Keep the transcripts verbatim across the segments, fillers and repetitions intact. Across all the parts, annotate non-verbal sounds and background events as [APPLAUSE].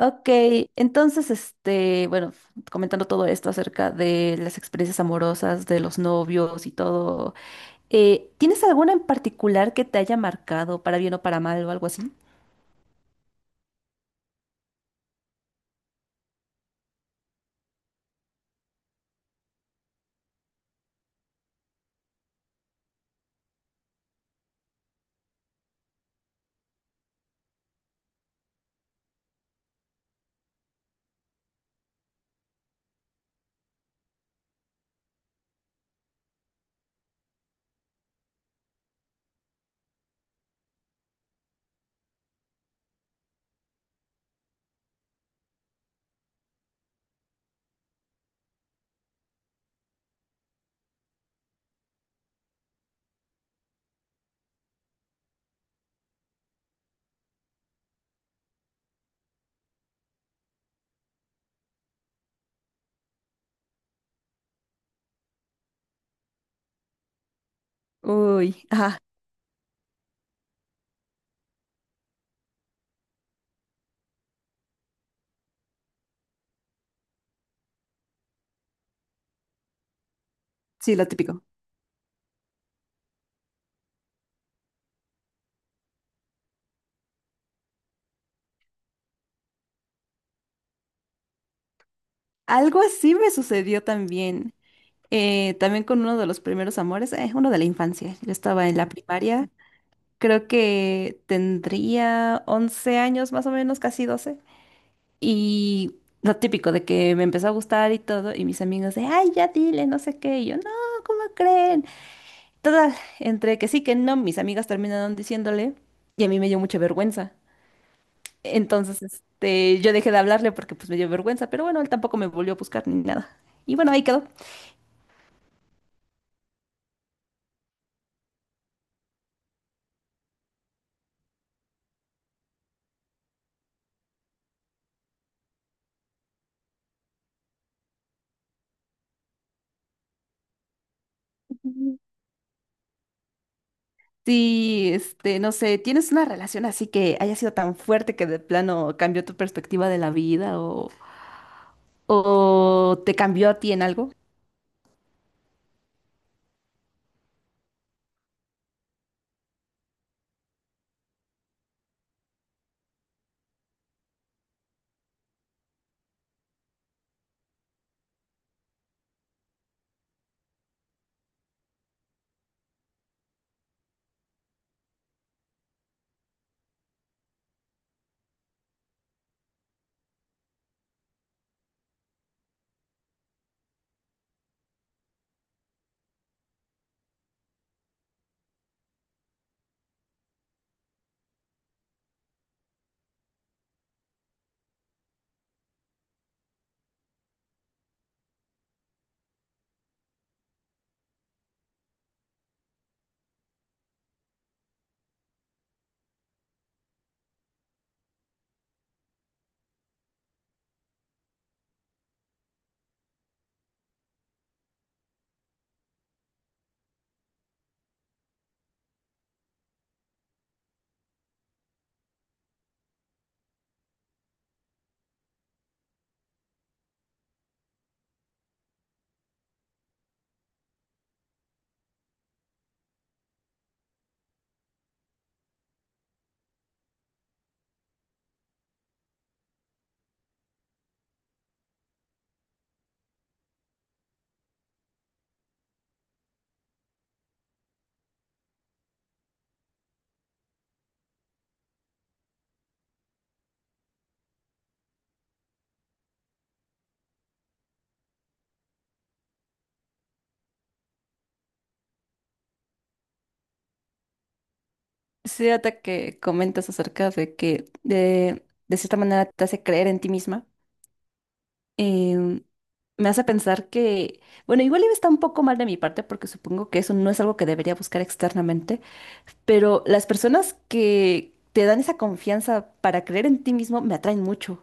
Ok, entonces, este, bueno, comentando todo esto acerca de las experiencias amorosas, de los novios y todo, eh, ¿tienes alguna en particular que te haya marcado para bien o para mal o algo así? Uy, ajá, sí, lo típico. Algo así me sucedió también, eh, también con uno de los primeros amores, eh, uno de la infancia. Yo estaba en la primaria, creo que tendría once años más o menos, casi doce. Y lo típico de que me empezó a gustar y todo, y mis amigos de, ay, ya dile, no sé qué, y yo, no, ¿cómo creen? Todas, entre que sí, que no, mis amigas terminaron diciéndole, y a mí me dio mucha vergüenza. Entonces, este, yo dejé de hablarle porque pues me dio vergüenza, pero bueno, él tampoco me volvió a buscar ni nada. Y bueno, ahí quedó. Ujú. Sí, este, no sé, ¿tienes una relación así que haya sido tan fuerte que de plano cambió tu perspectiva de la vida o, o te cambió a ti en algo? Sí, ahorita que comentas acerca de que de, de cierta manera te hace creer en ti misma, em, me hace pensar que, bueno, igual iba está un poco mal de mi parte porque supongo que eso no es algo que debería buscar externamente, pero las personas que te dan esa confianza para creer en ti mismo me atraen mucho.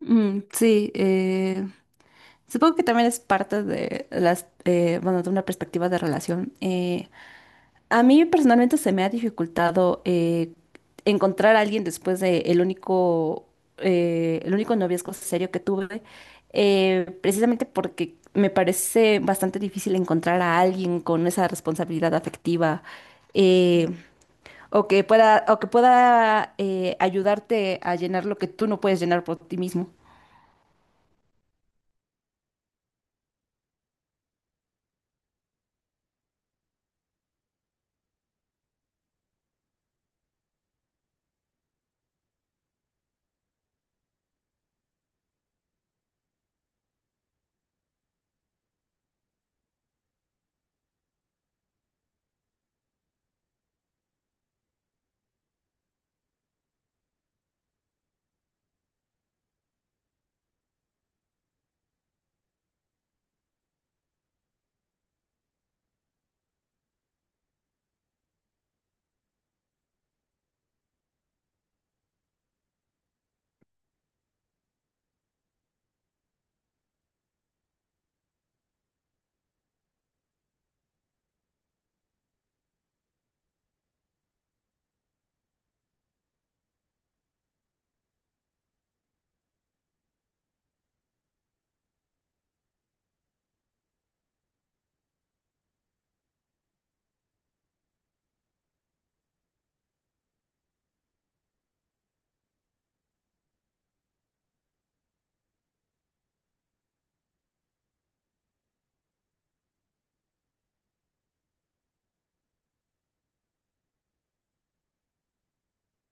Mm, sí, eh, supongo que también es parte de las, eh, bueno, de una perspectiva de relación. Eh, A mí personalmente se me ha dificultado eh, encontrar a alguien después de el único, eh, el único noviazgo serio que tuve, eh, precisamente porque me parece bastante difícil encontrar a alguien con esa responsabilidad afectiva eh, o que pueda, o que pueda eh, ayudarte a llenar lo que tú no puedes llenar por ti mismo.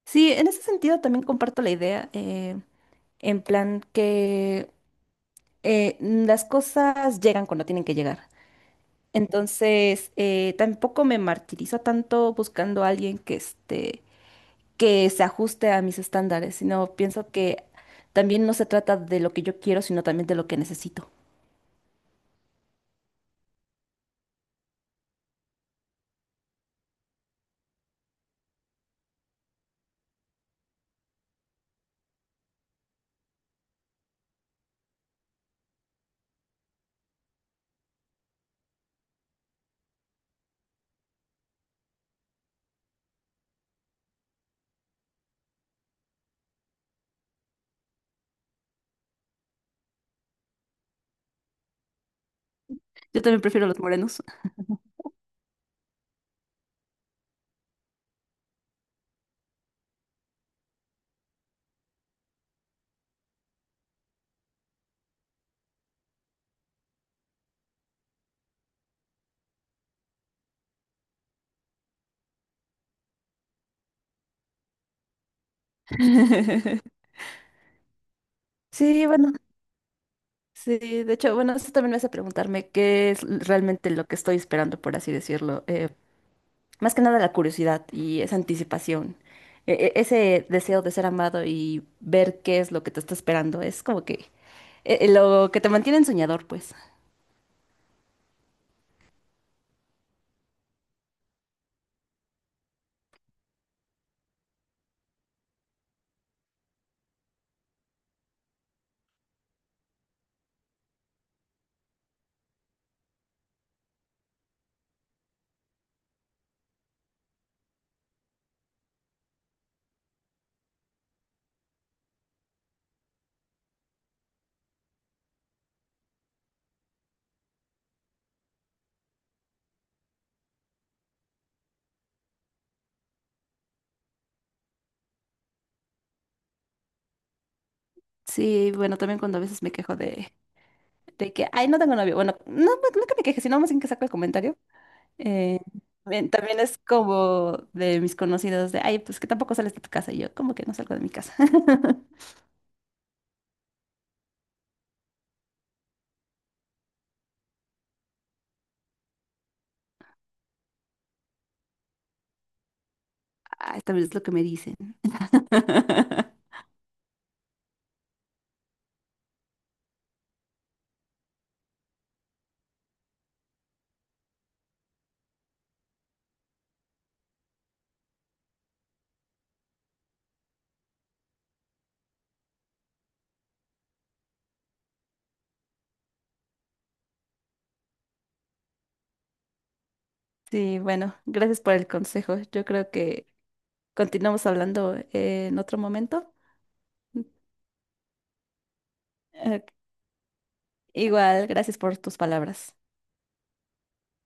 Sí, en ese sentido también comparto la idea. Eh, en plan que eh, las cosas llegan cuando tienen que llegar. Entonces, eh, tampoco me martirizo tanto buscando a alguien que este, que se ajuste a mis estándares, sino pienso que también no se trata de lo que yo quiero, sino también de lo que necesito. Yo también prefiero los morenos. [LAUGHS] Sí, bueno, sí, de hecho, bueno, eso también me hace preguntarme qué es realmente lo que estoy esperando, por así decirlo. eh, Más que nada la curiosidad y esa anticipación, e- e- ese deseo de ser amado y ver qué es lo que te está esperando, es como que eh, eh, lo que te mantiene soñador, pues. Sí, bueno, también cuando a veces me quejo de, de que, ay, no tengo novio. Bueno, no, no no que me queje, sino más bien que saco el comentario. Eh, Bien, también es como de mis conocidos de, ay, pues que tampoco sales de tu casa. Y yo, como que no salgo de mi casa. [LAUGHS] Ah, también es lo que me dicen. [LAUGHS] Sí, bueno, gracias por el consejo. Yo creo que continuamos hablando eh, en otro momento. Eh, Igual, gracias por tus palabras.